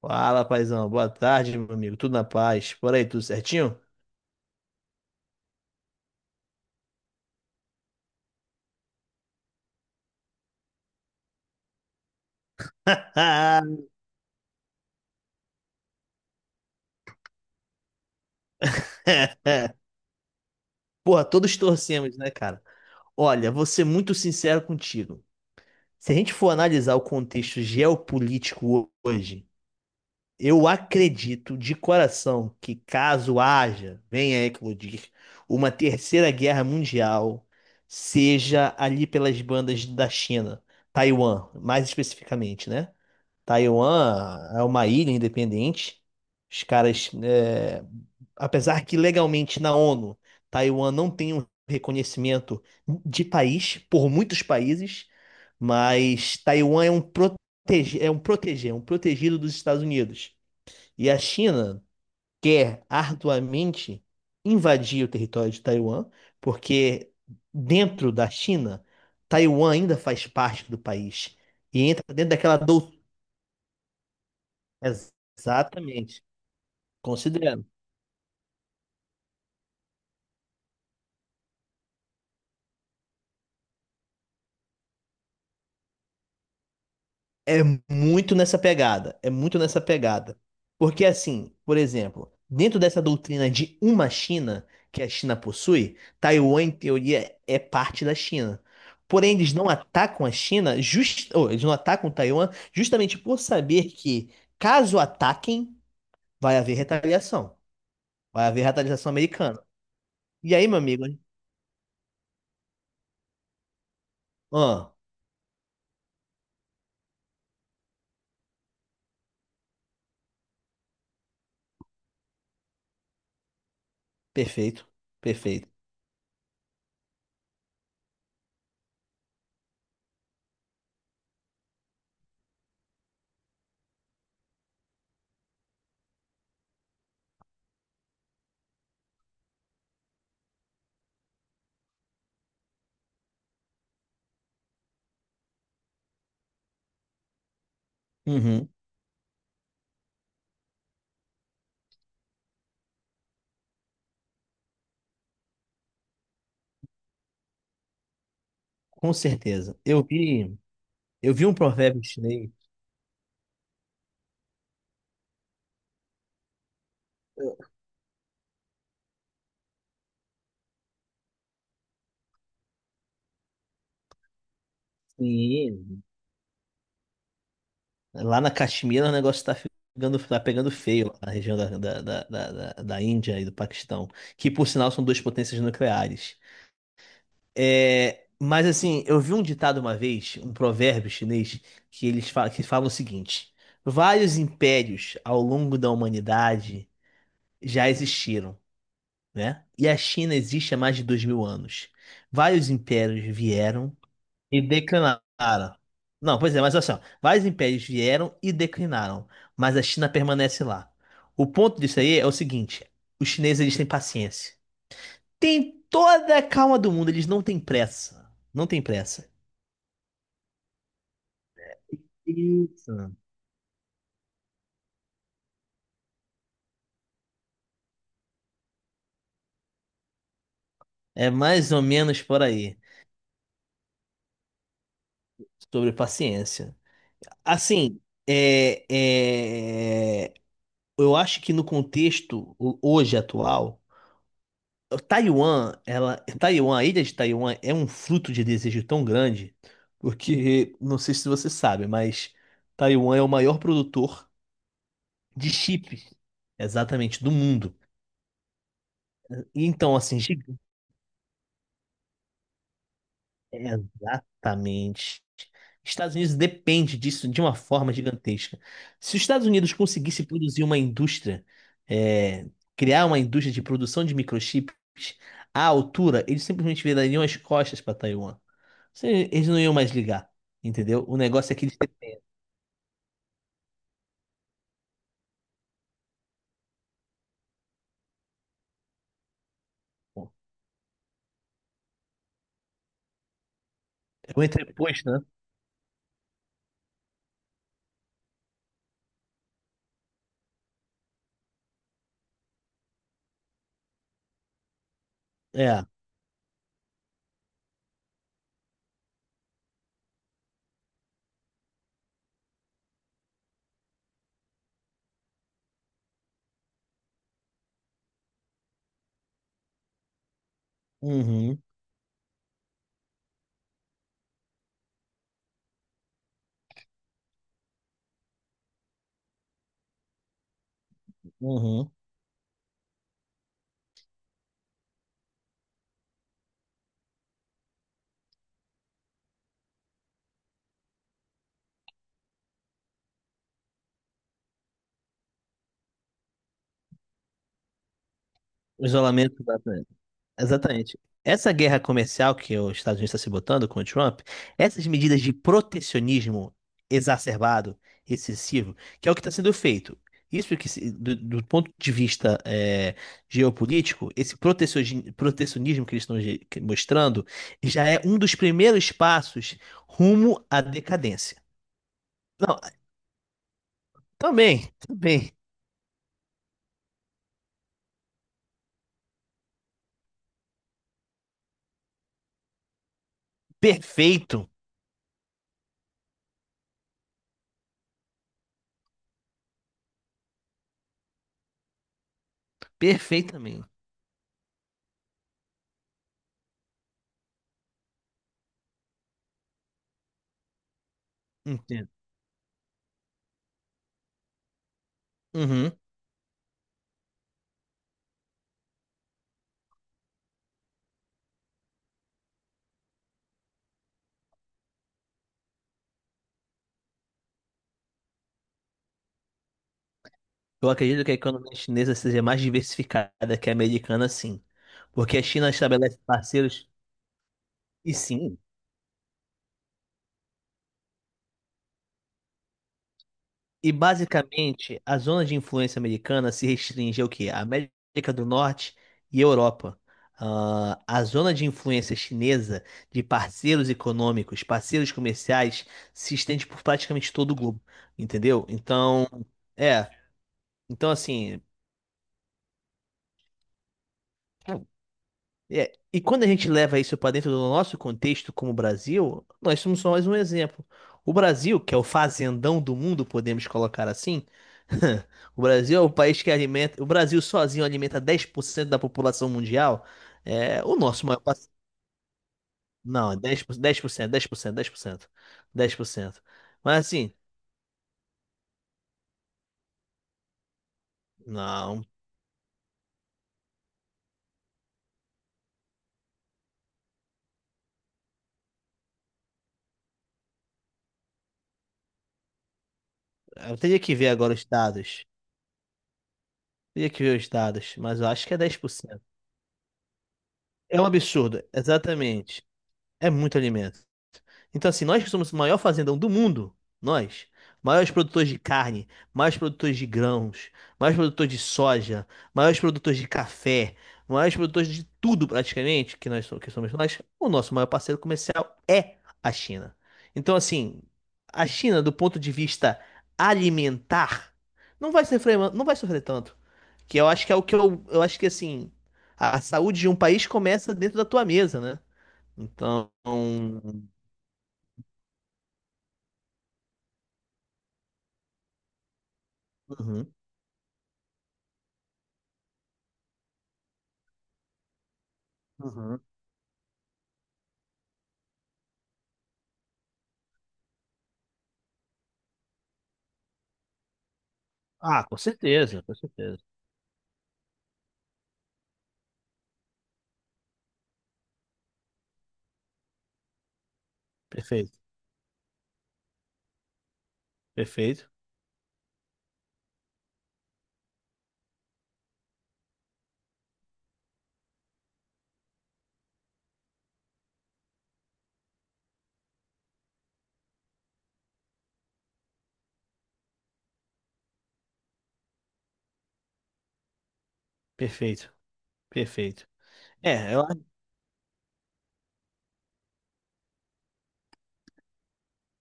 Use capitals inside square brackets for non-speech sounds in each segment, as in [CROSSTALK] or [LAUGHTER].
Fala, paizão. Boa tarde, meu amigo. Tudo na paz? Por aí, tudo certinho? [LAUGHS] Porra, todos torcemos, né, cara? Olha, vou ser muito sincero contigo. Se a gente for analisar o contexto geopolítico hoje, eu acredito de coração que caso haja, venha a eclodir, uma terceira guerra mundial, seja ali pelas bandas da China, Taiwan, mais especificamente, né? Taiwan é uma ilha independente. Os caras, apesar que legalmente na ONU, Taiwan não tem um reconhecimento de país por muitos países, mas Taiwan é um protegido dos Estados Unidos. E a China quer arduamente invadir o território de Taiwan, porque dentro da China, Taiwan ainda faz parte do país e entra dentro daquela. Exatamente. Considerando. É muito nessa pegada. É muito nessa pegada. Porque, assim, por exemplo, dentro dessa doutrina de uma China que a China possui, Taiwan, em teoria, é parte da China. Porém, eles não atacam a China, eles não atacam Taiwan justamente por saber que, caso ataquem, vai haver retaliação. Vai haver retaliação americana. E aí, meu amigo? Ah, perfeito. Perfeito. Uhum, com certeza. Eu vi. Eu vi um provérbio chinês. Sim, lá na Caxemira o negócio tá ficando, tá pegando feio lá na região da Índia e do Paquistão, que por sinal são duas potências nucleares. É, mas assim, eu vi um ditado uma vez, um provérbio chinês, que falam o seguinte: vários impérios ao longo da humanidade já existiram, né? E a China existe há mais de 2.000 anos. Vários impérios vieram e declinaram. Não, pois é, mas olha só. Vários impérios vieram e declinaram, mas a China permanece lá. O ponto disso aí é o seguinte: os chineses eles têm paciência. Tem toda a calma do mundo, eles não têm pressa. Não têm pressa. Isso. É mais ou menos por aí, sobre paciência. Assim, é, é, eu acho que no contexto hoje atual. Taiwan, a ilha de Taiwan é um fruto de desejo tão grande, porque não sei se você sabe, mas Taiwan é o maior produtor de chips, exatamente, do mundo. E então, assim, exatamente. Estados Unidos depende disso de uma forma gigantesca. Se os Estados Unidos conseguisse produzir uma indústria, é, criar uma indústria de produção de microchips à altura, eles simplesmente virariam as costas para Taiwan. Sim, eles não iam mais ligar, entendeu? O negócio é que eles. É o entreposto, né? É. Uhum, uhum. O isolamento da Ucrânia. Exatamente. Essa guerra comercial que os Estados Unidos está se botando com o Trump, essas medidas de protecionismo exacerbado, excessivo, que é o que está sendo feito. Isso que, do ponto de vista geopolítico, esse protecionismo que eles estão mostrando já é um dos primeiros passos rumo à decadência. Não, também, também. Perfeito. Perfeitamente. Entendo. Uhum. Eu acredito que a economia chinesa seja mais diversificada que a americana, sim. Porque a China estabelece parceiros, e sim. E basicamente, a zona de influência americana se restringe ao quê? A América do Norte e Europa. Ah, a zona de influência chinesa de parceiros econômicos, parceiros comerciais, se estende por praticamente todo o globo, entendeu? Então, é. Então, assim. É, e quando a gente leva isso para dentro do nosso contexto como Brasil, nós somos só mais um exemplo. O Brasil, que é o fazendão do mundo, podemos colocar assim, [LAUGHS] o Brasil é o país que alimenta, o Brasil sozinho alimenta 10% da população mundial. É o nosso maior, pass- não, é 10%, 10%. Dez por cento, dez por cento, dez por cento. Mas assim, não, eu teria que ver agora os dados. Teria que ver os dados, mas eu acho que é 10%. É um absurdo, exatamente. É muito alimento. Então, assim, nós que somos o maior fazendão do mundo, nós, maiores produtores de carne, maiores produtores de grãos, maiores produtores de soja, maiores produtores de café, maiores produtores de tudo praticamente que nós que somos nós, o nosso maior parceiro comercial é a China. Então, assim, a China, do ponto de vista alimentar, não vai sofrer, não vai sofrer tanto. Que eu acho que é o que eu acho que assim, a saúde de um país começa dentro da tua mesa, né? Então, uhum. Uhum. Ah, com certeza, com certeza. Perfeito, perfeito, perfeito, perfeito. É, eu,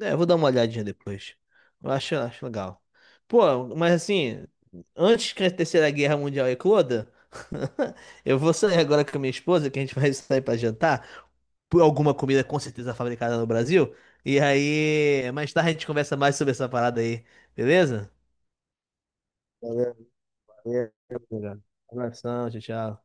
eu vou dar uma olhadinha depois. Eu acho legal. Pô, mas assim, antes que a Terceira Guerra Mundial ecloda, [LAUGHS] eu vou sair agora com a minha esposa, que a gente vai [LAUGHS] sair pra jantar, por alguma comida com certeza fabricada no Brasil. E aí, mais tarde a gente conversa mais sobre essa parada aí, beleza? Valeu, valeu, obrigado. Abração, tchau, tchau.